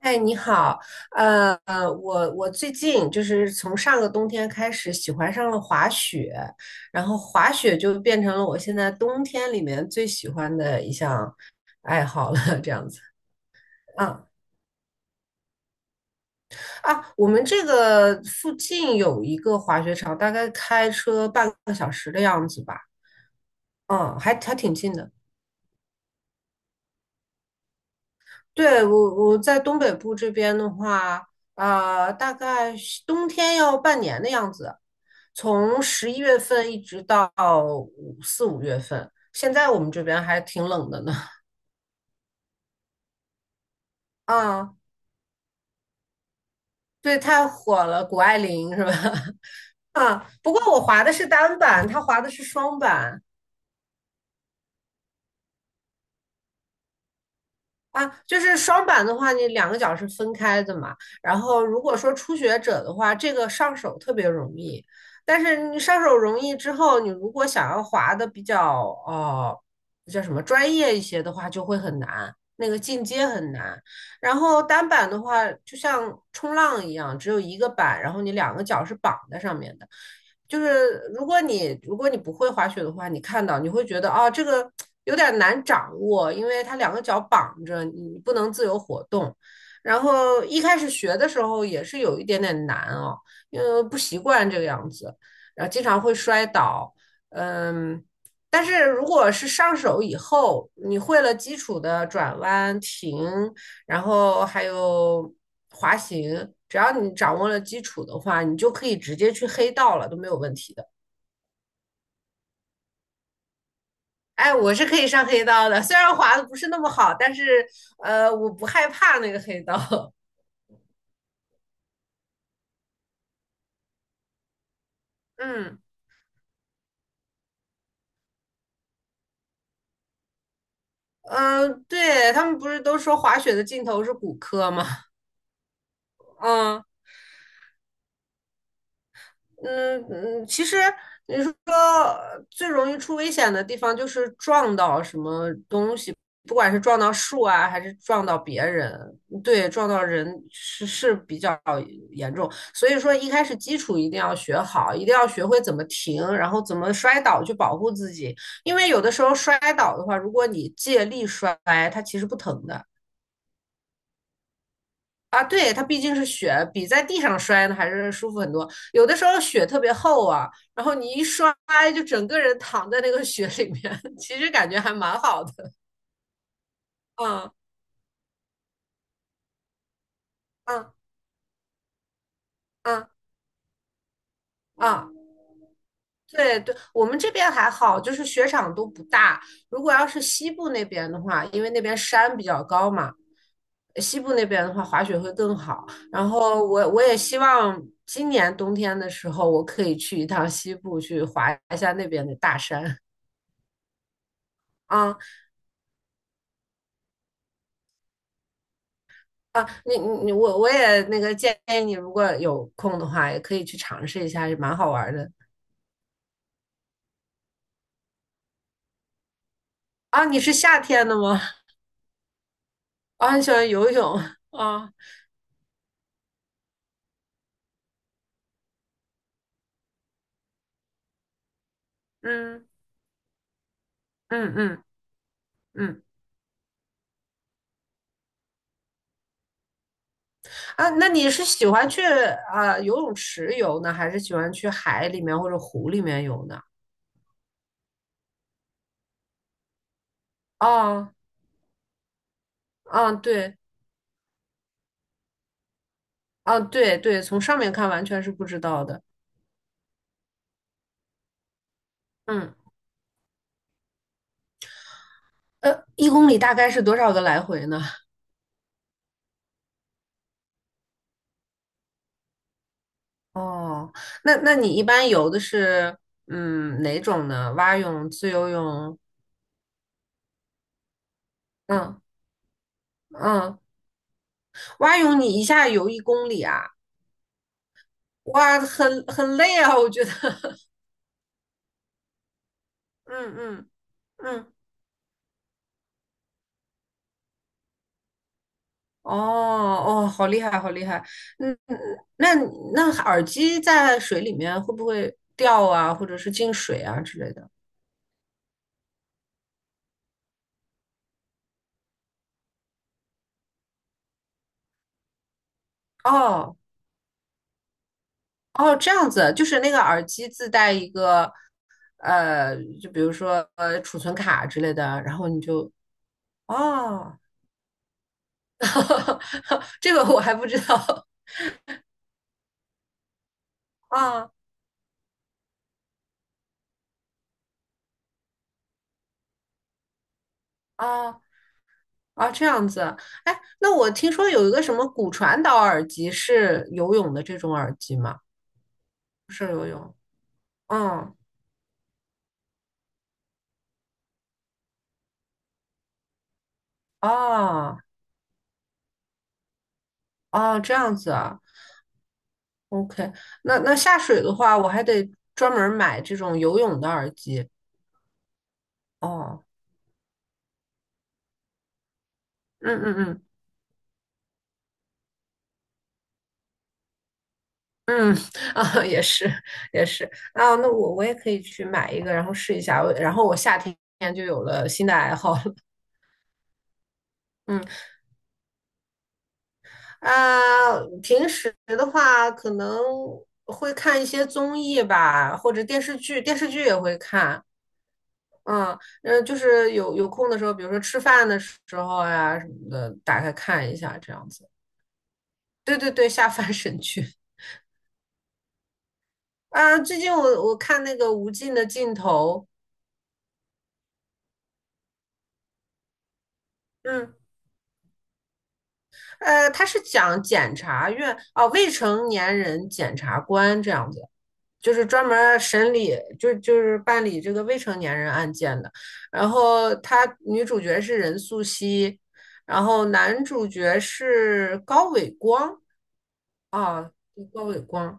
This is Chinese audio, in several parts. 哎，你好，呃，我最近就是从上个冬天开始喜欢上了滑雪，然后滑雪就变成了我现在冬天里面最喜欢的一项 爱好了，这样子。啊啊，我们这个附近有一个滑雪场，大概开车半个小时的样子吧。嗯，还挺近的。对，我在东北部这边的话，大概是冬天要半年的样子，从11月份一直到5月份。现在我们这边还挺冷的呢。啊，对，太火了，谷爱凌是吧？啊，不过我滑的是单板，她滑的是双板。啊，就是双板的话，你两个脚是分开的嘛。然后如果说初学者的话，这个上手特别容易。但是你上手容易之后，你如果想要滑的比较呃叫什么专业一些的话，就会很难，那个进阶很难。然后单板的话，就像冲浪一样，只有一个板，然后你两个脚是绑在上面的。就是如果你不会滑雪的话，你看到你会觉得啊，这个有点难掌握，因为它两个脚绑着，你不能自由活动。然后一开始学的时候也是有一点点难哦，因为不习惯这个样子，然后经常会摔倒。嗯，但是如果是上手以后，你会了基础的转弯、停，然后还有滑行，只要你掌握了基础的话，你就可以直接去黑道了，都没有问题的。哎，我是可以上黑道的，虽然滑的不是那么好，但是我不害怕那个黑道。嗯嗯，对，他们不是都说滑雪的尽头是骨科吗？嗯。嗯嗯，其实你说最容易出危险的地方就是撞到什么东西，不管是撞到树啊，还是撞到别人，对，撞到人是比较严重。所以说一开始基础一定要学好，一定要学会怎么停，然后怎么摔倒去保护自己。因为有的时候摔倒的话，如果你借力摔，它其实不疼的。啊，对，它毕竟是雪，比在地上摔呢还是舒服很多。有的时候雪特别厚啊，然后你一摔就整个人躺在那个雪里面，其实感觉还蛮好的。嗯嗯嗯嗯，对对，我们这边还好，就是雪场都不大。如果要是西部那边的话，因为那边山比较高嘛，西部那边的话滑雪会更好。然后我也希望今年冬天的时候，我可以去一趟西部去滑一下那边的大山。啊。啊，你你你我也那个建议你，如果有空的话，也可以去尝试一下，也蛮好玩的。啊，你是夏天的吗？啊，很喜欢游泳。啊，嗯嗯嗯嗯。啊，那你是喜欢去啊游泳池游呢，还是喜欢去海里面或者湖里面游呢？啊啊，对啊对对，从上面看完全是不知道的。嗯，一公里大概是多少个来回呢？哦，那你一般游的是哪种呢？蛙泳、自由泳？嗯嗯，蛙泳你一下游一公里啊？哇，很累啊，我觉得。嗯嗯嗯，哦哦，好厉害，好厉害。嗯，嗯那那耳机在水里面会不会掉啊，或者是进水啊之类的？哦哦，这样子，就是那个耳机自带一个呃，就比如说储存卡之类的，然后你就哦，这个我还不知道。啊啊啊！这样子。哎，那我听说有一个什么骨传导耳机是游泳的这种耳机吗？不是游泳。嗯，哦，哦，这样子啊。OK，那下水的话，我还得专门买这种游泳的耳机。哦，嗯嗯嗯。嗯，啊，也是，也是，啊，那我也可以去买一个，然后试一下，然后我夏天就有了新的爱好了。嗯。啊，平时的话可能会看一些综艺吧，或者电视剧，电视剧也会看。嗯，就是有空的时候，比如说吃饭的时候呀什么的，打开看一下这样子。对对对，下饭神剧啊！最近我看那个《无尽的尽头》，嗯，它是讲检察院啊，未成年人检察官这样子。就是专门审理，就是办理这个未成年人案件的。然后他女主角是任素汐，然后男主角是高伟光啊，高伟光，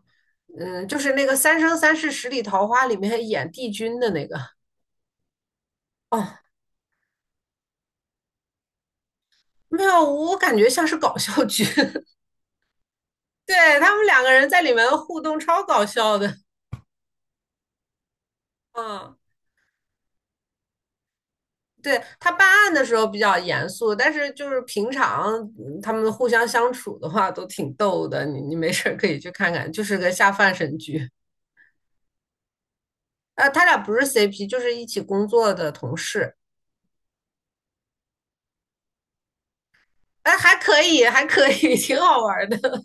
嗯，就是那个《三生三世十里桃花》里面演帝君的那个。哦，没有，我感觉像是搞笑剧。对，他们两个人在里面互动超搞笑的。嗯。对他办案的时候比较严肃，但是就是平常他们互相相处的话都挺逗的，你没事可以去看看，就是个下饭神剧。啊。他俩不是 CP，就是一起工作的同事。哎，还可以，还可以，挺好玩的。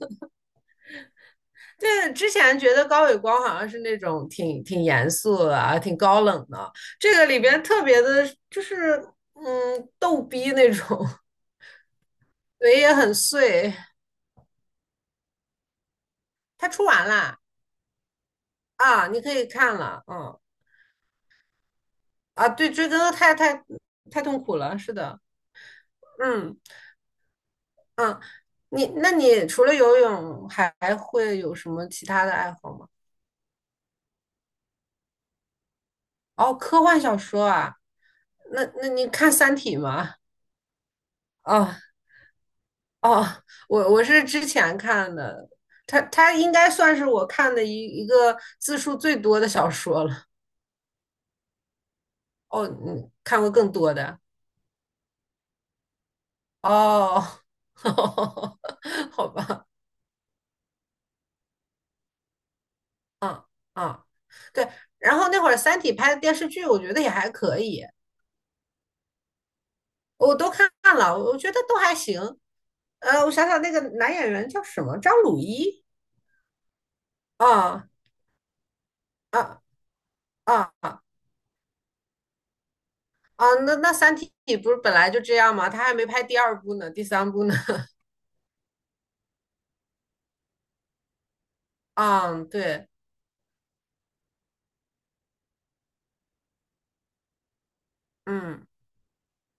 对，之前觉得高伟光好像是那种挺严肃的啊，挺高冷的，这个里边特别的，就是逗逼那种，嘴也很碎。他出完了啊，你可以看了，嗯。啊，对，追根太痛苦了，是的，嗯嗯，那你除了游泳，还会有什么其他的爱好吗？哦，科幻小说啊，那你看《三体》吗？哦哦，我是之前看的，它应该算是我看的一个字数最多的小说了。哦，你看过更多的哦，好吧，嗯嗯，对。然后那会儿《三体》拍的电视剧，我觉得也还可以，我都看了，我觉得都还行。我想想，那个男演员叫什么？张鲁一？啊啊啊啊！啊，那《三体》不是本来就这样吗？他还没拍第二部呢，第三部呢。嗯，对，嗯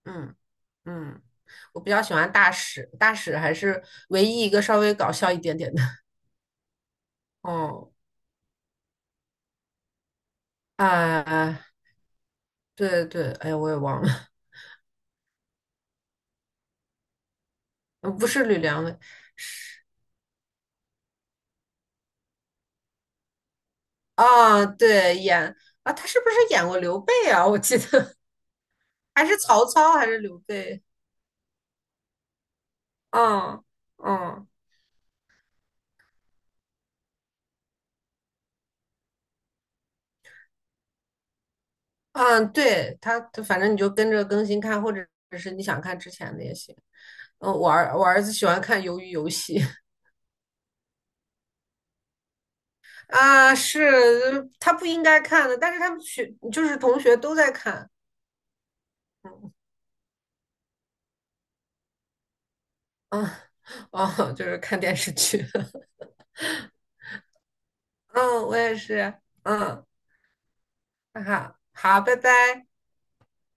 嗯嗯，我比较喜欢大使，大使还是唯一一个稍微搞笑一点点的。哦，啊、对对，哎呀，我也忘了，不是吕良伟。啊，对，演啊，他是不是演过刘备啊？我记得 还是曹操还是刘备？嗯嗯嗯，对他，他反正你就跟着更新看，或者是你想看之前的也行。嗯，我儿子喜欢看《鱿鱼游戏》啊，是他不应该看的，但是他们就是同学都在看啊哦，就是看电视剧。嗯，我也是。嗯，那好，好，拜拜。